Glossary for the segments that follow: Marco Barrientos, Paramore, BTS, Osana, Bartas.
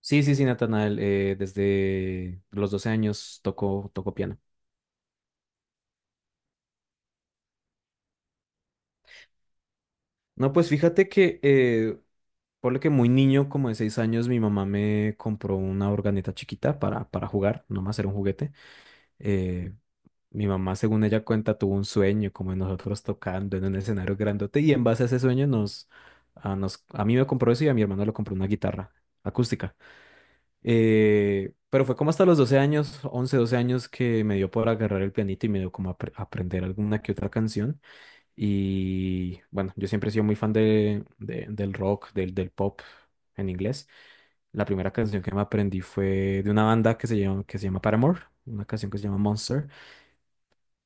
Sí, sí, sí, Natanael, desde los 12 años tocó piano. No, pues fíjate que, por lo que muy niño, como de 6 años, mi mamá me compró una organeta chiquita para jugar, nomás era un juguete. Eh, Mi mamá, según ella cuenta, tuvo un sueño, como de nosotros tocando en un escenario grandote, y en base a ese sueño a mí me compró eso y a mi hermano le compró una guitarra acústica. Pero fue como hasta los 12 años, 11 12 años que me dio por agarrar el pianito y me dio como a aprender alguna que otra canción. Y bueno, yo siempre he sido muy fan del rock, del pop en inglés. La primera canción que me aprendí fue de una banda que se llama Paramore, una canción que se llama Monster.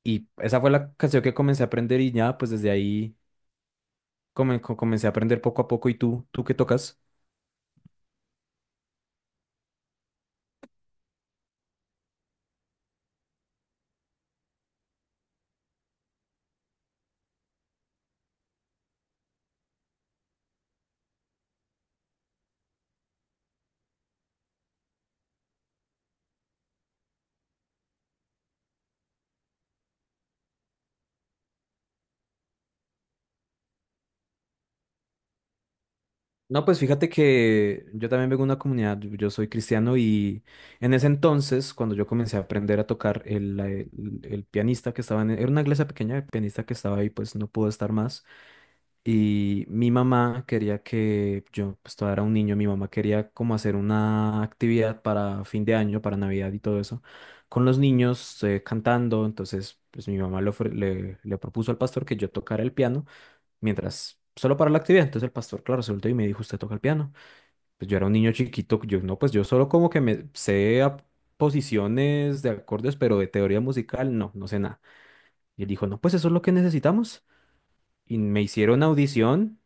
Y esa fue la canción que comencé a aprender y ya, pues desde ahí comencé a aprender poco a poco. ¿Y tú qué tocas? No, pues fíjate que yo también vengo de una comunidad, yo soy cristiano y en ese entonces, cuando yo comencé a aprender a tocar, el pianista que estaba en, era una iglesia pequeña, el pianista que estaba ahí pues no pudo estar más, y mi mamá quería que, yo pues todavía era un niño, mi mamá quería como hacer una actividad para fin de año, para Navidad y todo eso, con los niños, cantando, entonces pues mi mamá le, ofre- le le propuso al pastor que yo tocara el piano mientras, solo para la actividad, entonces el pastor, claro, se volteó y me dijo, ¿usted toca el piano? Pues yo era un niño chiquito, yo no, pues yo solo como que me sé a posiciones de acordes, pero de teoría musical, no, no sé nada. Y él dijo, no, pues eso es lo que necesitamos. Y me hicieron audición,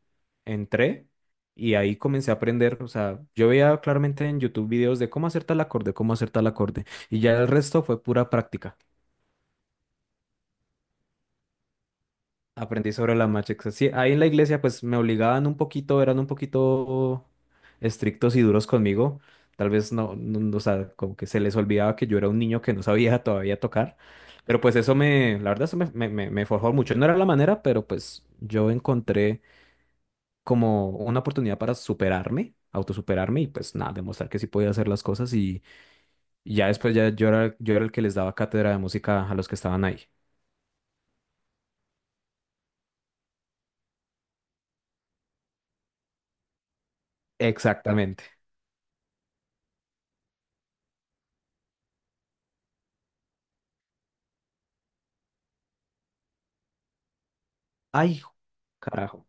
entré y ahí comencé a aprender. O sea, yo veía claramente en YouTube videos de cómo hacer tal acorde, cómo hacer tal acorde. Y ya el resto fue pura práctica. Aprendí sobre la marcha. Sí, ahí en la iglesia pues me obligaban un poquito, eran un poquito estrictos y duros conmigo. Tal vez no, no, no, o sea, como que se les olvidaba que yo era un niño que no sabía todavía tocar. Pero pues eso me, la verdad, eso me forjó mucho. No era la manera, pero pues yo encontré como una oportunidad para superarme, autosuperarme y pues nada, demostrar que sí podía hacer las cosas. Y ya después ya yo era el que les daba cátedra de música a los que estaban ahí. Exactamente. Ay, carajo.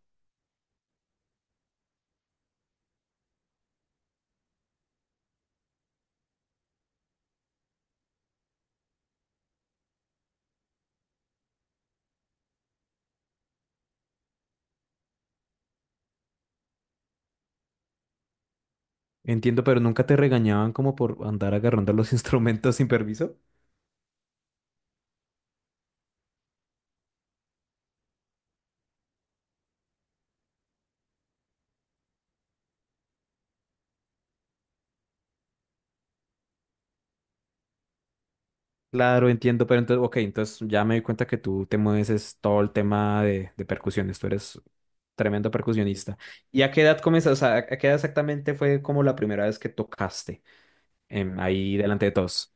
Entiendo, pero nunca te regañaban como por andar agarrando los instrumentos sin permiso. Claro, entiendo, pero entonces, ok, entonces ya me di cuenta que tú te mueves es todo el tema de percusiones, tú eres tremendo percusionista. ¿Y a qué edad comenzaste? O sea, ¿a qué edad exactamente fue como la primera vez que tocaste ahí delante de todos?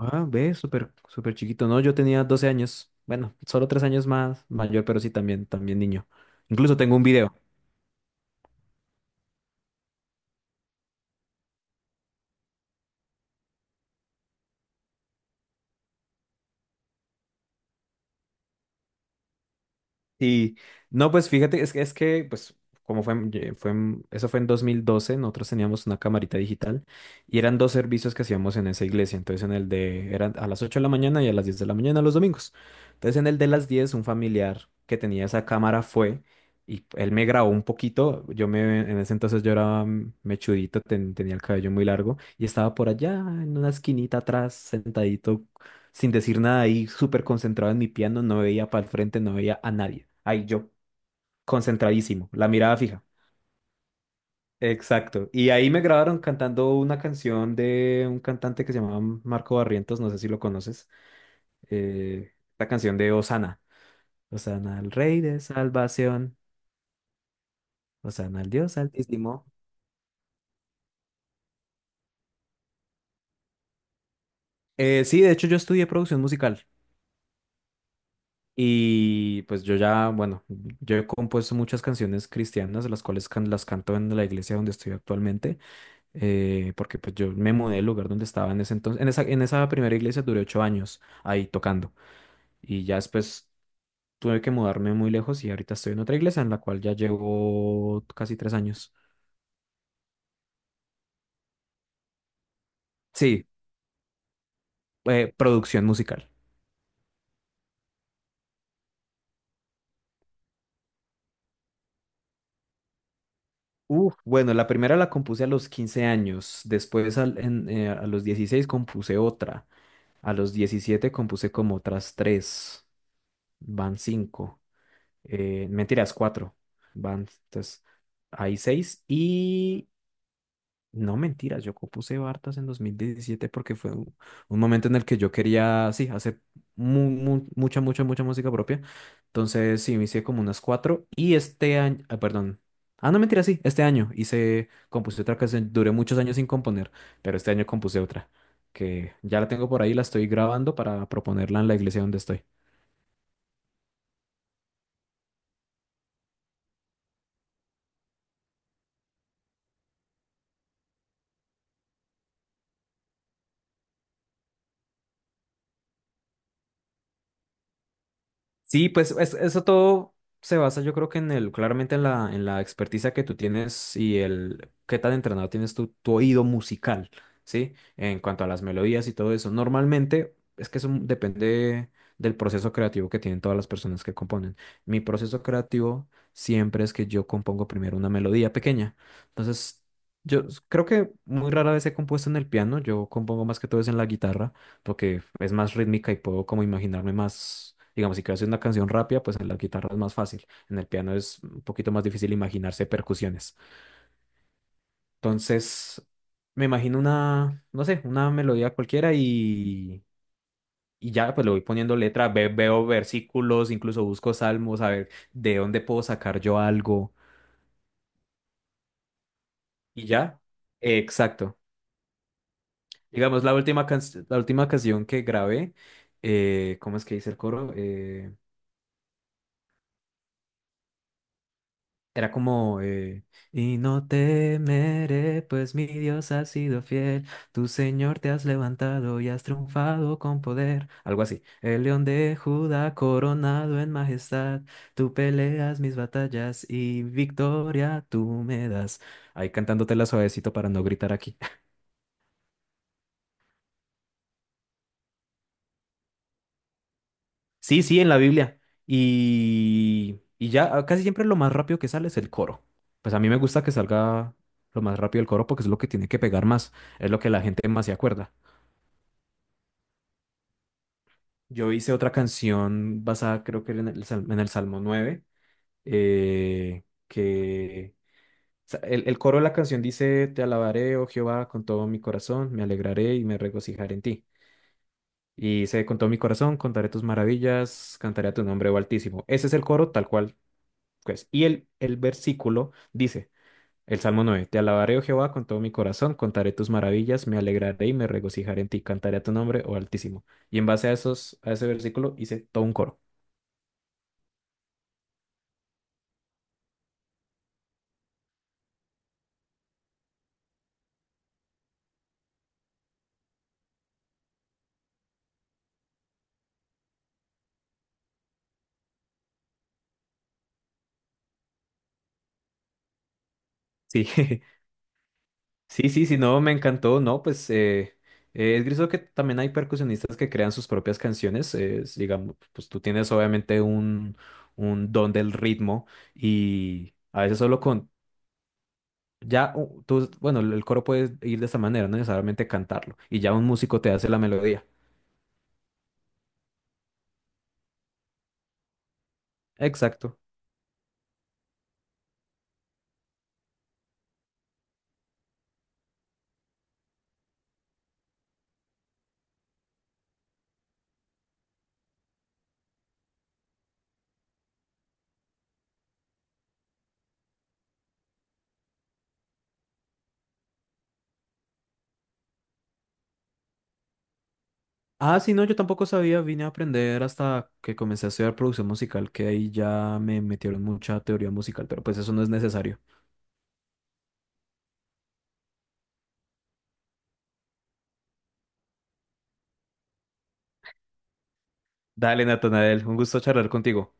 Ah, ve, súper, súper chiquito. No, yo tenía 12 años. Bueno, solo 3 años más mayor, pero sí también, también niño. Incluso tengo un video. Y no, pues fíjate, es que pues como fue, en- ye- fue, en- eso fue en 2012, nosotros teníamos una camarita digital y eran dos servicios que hacíamos en esa iglesia. Entonces eran a las 8 de la mañana y a las 10 de la mañana los domingos. Entonces en el de las 10 un familiar que tenía esa cámara fue y él me grabó un poquito. En ese entonces yo era mechudito, tenía el cabello muy largo y estaba por allá en una esquinita atrás, sentadito sin decir nada ahí, súper concentrado en mi piano, no veía para el frente, no veía a nadie. Ahí yo, concentradísimo, la mirada fija. Exacto. Y ahí me grabaron cantando una canción de un cantante que se llamaba Marco Barrientos, no sé si lo conoces, eh, la canción de Osana. Osana al Rey de Salvación, Osana al Dios Altísimo. Sí, de hecho yo estudié producción musical y pues yo ya, bueno, yo he compuesto muchas canciones cristianas, las cuales las canto en la iglesia donde estoy actualmente. Porque pues yo me mudé del lugar donde estaba en ese entonces, en esa primera iglesia duré 8 años ahí tocando y ya después tuve que mudarme muy lejos y ahorita estoy en otra iglesia en la cual ya llevo casi 3 años. Sí, producción musical. Uf, bueno, la primera la compuse a los 15 años, después a los 16 compuse otra, a los 17 compuse como otras tres, van cinco, mentiras, cuatro, van, entonces, hay seis. No mentiras, yo compuse Bartas en 2017 porque fue un momento en el que yo quería, sí, hacer mucha, mucha, mucha música propia. Entonces, sí, me hice como unas cuatro y este año, ah, perdón. Ah, no, mentira, sí, este año hice, compuse otra canción, duré muchos años sin componer, pero este año compuse otra, que ya la tengo por ahí, la estoy grabando para proponerla en la iglesia donde estoy. Sí, pues eso todo se basa, yo creo que claramente en en la experticia que tú tienes y el qué tan entrenado tienes tu oído musical, ¿sí? En cuanto a las melodías y todo eso. Normalmente es que eso depende del proceso creativo que tienen todas las personas que componen. Mi proceso creativo siempre es que yo compongo primero una melodía pequeña. Entonces, creo que muy rara vez he compuesto en el piano, yo compongo más que todo es en la guitarra porque es más rítmica y puedo como imaginarme más, digamos, si quiero hacer una canción rápida, pues en la guitarra es más fácil, en el piano es un poquito más difícil imaginarse percusiones. Entonces, me imagino una, no sé, una melodía cualquiera y ya pues le voy poniendo letra, veo versículos, incluso busco salmos, a ver de dónde puedo sacar yo algo y ya. Exacto. Digamos, la última canción que grabé, ¿cómo es que dice el coro? Era como, y no temeré, pues mi Dios ha sido fiel, tu Señor te has levantado y has triunfado con poder, algo así. El león de Judá coronado en majestad, tú peleas mis batallas y victoria tú me das. Ahí cantándotela suavecito para no gritar aquí. Sí, sí, en la Biblia. Y ya casi siempre lo más rápido que sale es el coro. Pues a mí me gusta que salga lo más rápido el coro porque es lo que tiene que pegar más, es lo que la gente más se acuerda. Yo hice otra canción basada creo que era en el Salmo 9, que o sea, el coro de la canción dice, Te alabaré, oh Jehová, con todo mi corazón, me alegraré y me regocijaré en ti. Y dice, con todo mi corazón, contaré tus maravillas, cantaré a tu nombre, oh Altísimo. Ese es el coro tal cual. Pues, y el versículo dice, el Salmo 9, Te alabaré, oh Jehová, con todo mi corazón, contaré tus maravillas, me alegraré y me regocijaré en ti, cantaré a tu nombre, oh Altísimo. Y en base a esos, a ese versículo hice todo un coro. Sí, sí, sí, sí, no, me encantó, no, pues es griso que también hay percusionistas que crean sus propias canciones, digamos, pues tú tienes obviamente un don del ritmo y... A veces solo con, Ya tú, bueno, el coro puede ir de esta manera, no necesariamente cantarlo, y ya un músico te hace la melodía. Exacto. Ah, sí, no, yo tampoco sabía, vine a aprender hasta que comencé a estudiar producción musical, que ahí ya me metieron mucha teoría musical, pero pues eso no es necesario. Dale, Natanael, un gusto charlar contigo.